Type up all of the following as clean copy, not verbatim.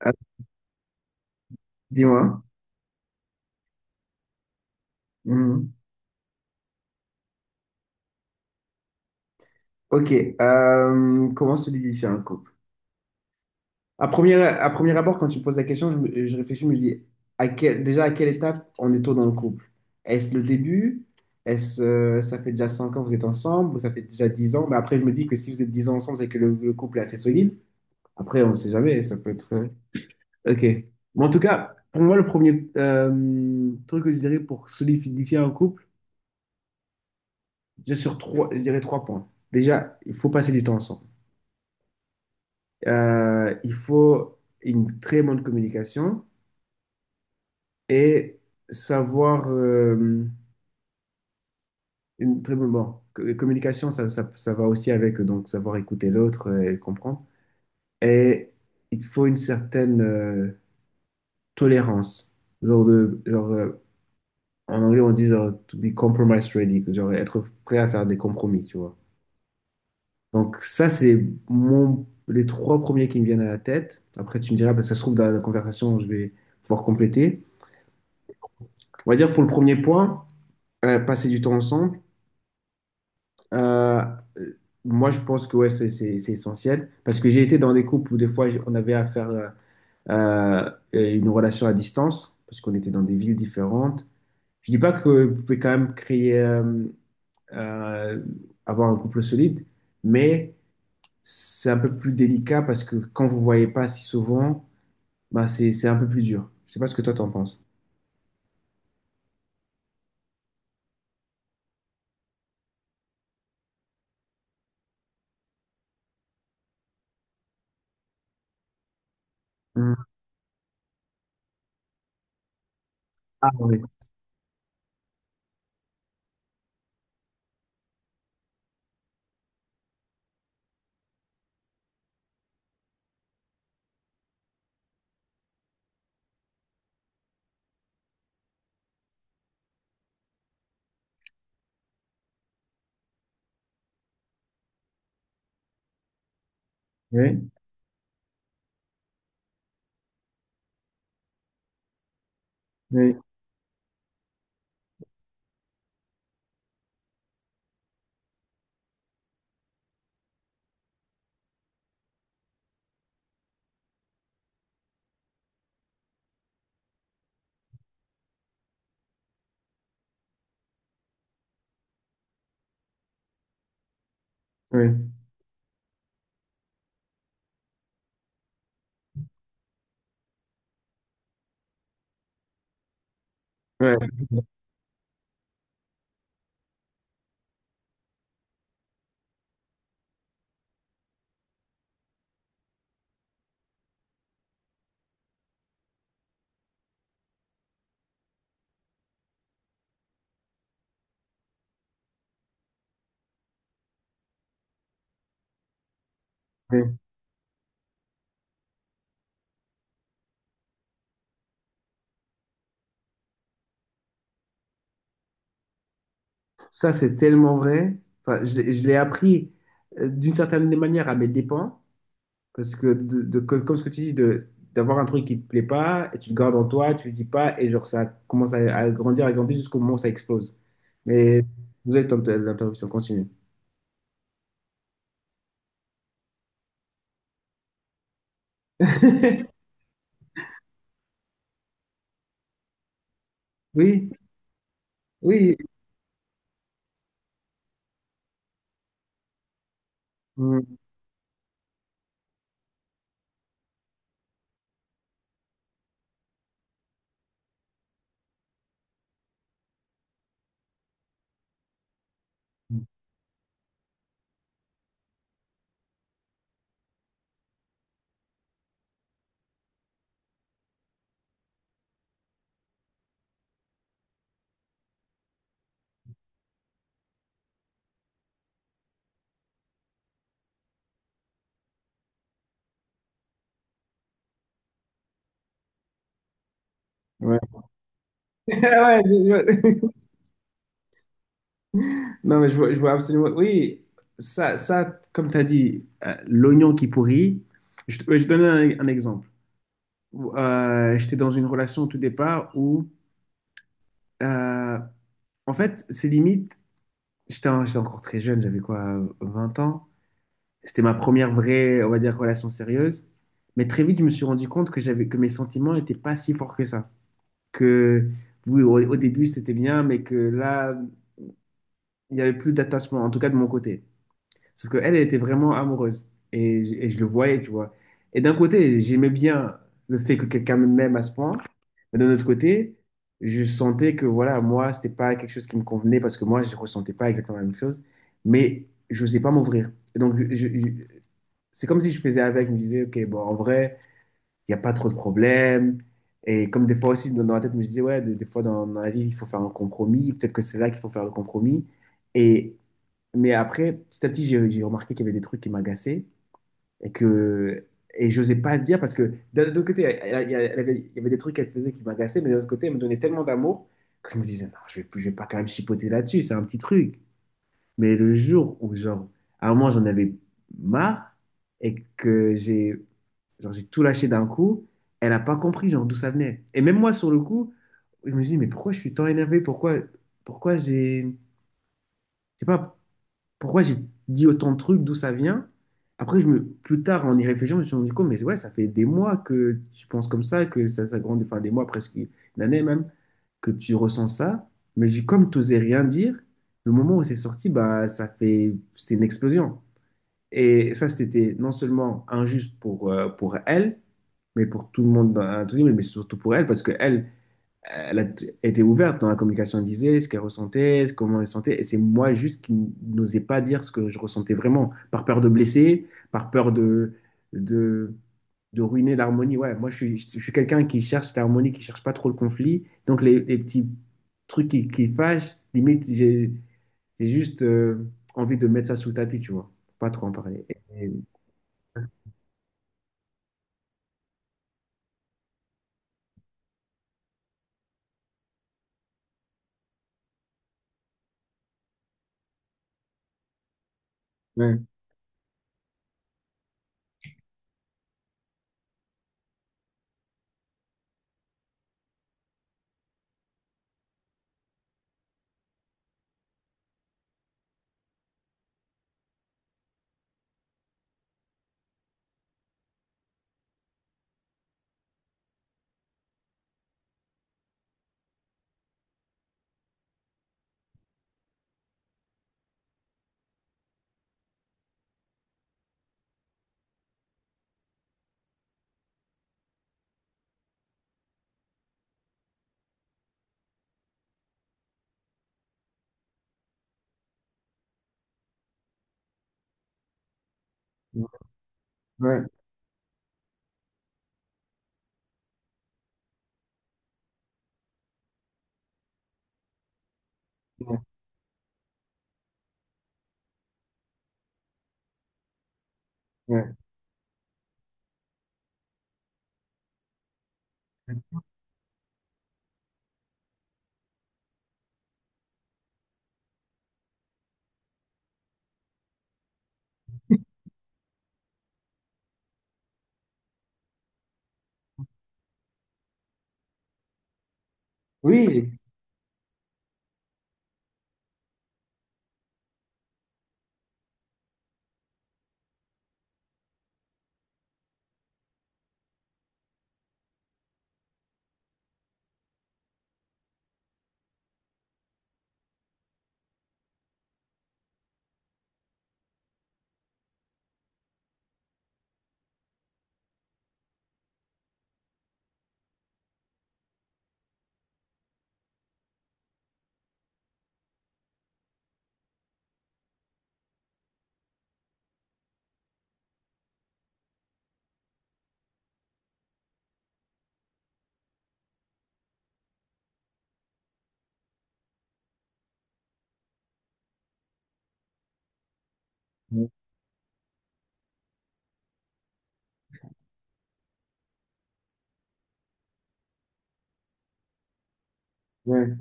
Ah, dis-moi. Mhm. Ok. Comment solidifier un couple? À premier abord, quand tu me poses la question, je réfléchis, je me dis déjà à quelle étape on est-on dans le couple. Est-ce le début? Est-ce ça fait déjà 5 ans que vous êtes ensemble? Ou ça fait déjà 10 ans? Mais après, je me dis que si vous êtes 10 ans ensemble, c'est que le couple est assez solide. Après, on ne sait jamais, ça peut être. Ok. Mais en tout cas, pour moi, le premier truc que je dirais pour solidifier un couple, je dirais trois points. Déjà, il faut passer du temps ensemble. Il faut une très bonne communication et savoir une très bonne communication. Ça va aussi avec, donc savoir écouter l'autre et le comprendre. Et il faut une certaine tolérance. Genre de, genre, euh, en anglais, on dit genre, to be compromise ready, que genre être prêt à faire des compromis, tu vois. Donc ça, c'est les trois premiers qui me viennent à la tête. Après, tu me diras, parce que ça se trouve, dans la conversation, je vais pouvoir compléter. On va dire pour le premier point, passer du temps ensemble. euh, euh, Moi, je pense que ouais, c'est essentiel parce que j'ai été dans des couples où des fois on avait à faire une relation à distance parce qu'on était dans des villes différentes. Je dis pas que vous pouvez quand même créer, euh, avoir un couple solide, mais c'est un peu plus délicat parce que quand vous voyez pas si souvent, bah c'est un peu plus dur. Je sais pas ce que toi t'en penses. Mm. Ah oui. Oui, oui, oui. Ouais. Ça, c'est tellement vrai. Enfin, je l'ai appris d'une certaine manière à mes dépens, parce que, comme ce que tu dis, d'avoir un truc qui te plaît pas, et tu le gardes en toi, tu le dis pas, et genre ça commence à grandir, à grandir jusqu'au moment où ça explose. Mais désolé de l'interruption, continue. Oui, oui. Mm. Ouais. Ouais, je- non, mais je vois absolument. Oui, ça, comme tu as dit, l'oignon qui pourrit, je te donne un exemple où j'étais dans une relation au tout départ, euh, en fait, c'est limite, j'étais encore très jeune, j'avais quoi, 20 ans. C'était ma première vraie, on va dire, relation sérieuse. Mais très vite, je me suis rendu compte que que mes sentiments n'étaient pas si forts que ça. Que oui, au début, c'était bien, mais que là, il n'y avait plus d'attachement, en tout cas de mon côté. Sauf qu'elle, elle était vraiment amoureuse. Et je le voyais, tu vois. Et d'un côté, j'aimais bien le fait que quelqu'un m'aime à ce point. Mais d'un autre côté, je sentais que, voilà, moi, c'était pas quelque chose qui me convenait parce que moi, je ressentais pas exactement la même chose. Mais je n'osais pas m'ouvrir. Et donc, c'est comme si je faisais avec. Je me disais, OK, bon, en vrai, il n'y a pas trop de problèmes. Et comme des fois aussi, dans la tête, je me disais, ouais, des fois, dans la vie, il faut faire un compromis. Peut-être que c'est là qu'il faut faire le compromis. Et mais après, petit à petit, j'ai remarqué qu'il y avait des trucs qui m'agaçaient. Et que et j'osais pas le dire parce que d'un autre côté, elle avait, il y avait des trucs qu'elle faisait qui m'agaçaient, mais d'un autre côté, elle me donnait tellement d'amour que je me disais, non, je vais pas quand même chipoter là-dessus, c'est un petit truc. Mais le jour où, genre, à un moment, j'en avais marre et que j'ai genre, j'ai tout lâché d'un coup, elle n'a pas compris, genre, d'où ça venait. Et même moi, sur le coup, je me suis dit, mais pourquoi je suis tant énervé? Pourquoi, pourquoi j'ai. Je sais pas, pourquoi j'ai dit autant de trucs, d'où ça vient. Après, plus tard, en y réfléchissant, je me suis rendu compte, mais ouais, ça fait des mois que tu penses comme ça, que ça grandit, enfin des mois, presque une année même, que tu ressens ça. Mais comme tu n'osais rien dire, le moment où c'est sorti, bah, ça fait, c'était une explosion. Et ça, c'était non seulement injuste pour elle, mais pour tout le monde dans l'intrus, mais surtout pour elle, parce que elle, elle a été ouverte dans la communication, elle disait ce qu'elle ressentait, comment elle sentait, et c'est moi juste qui n'osais pas dire ce que je ressentais vraiment, par peur de blesser, par peur de, de, ruiner l'harmonie. Ouais, moi je suis quelqu'un qui cherche l'harmonie, qui cherche pas trop le conflit, donc les petits trucs qui fâchent, limite j'ai juste envie de mettre ça sous le tapis, tu vois, pas trop en parler. Ouais, ouais, ouais, ouais. Oui, ex- ouais,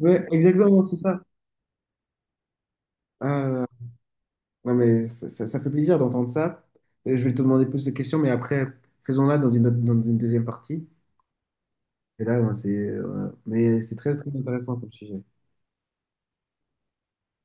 ouais, exactement, c'est ça. Non, mais ça, ça fait plaisir d'entendre ça. Et je vais te demander plus de questions, mais après, faisons-la dans dans une deuxième partie. Et là, ben, mais c'est très, très intéressant comme sujet.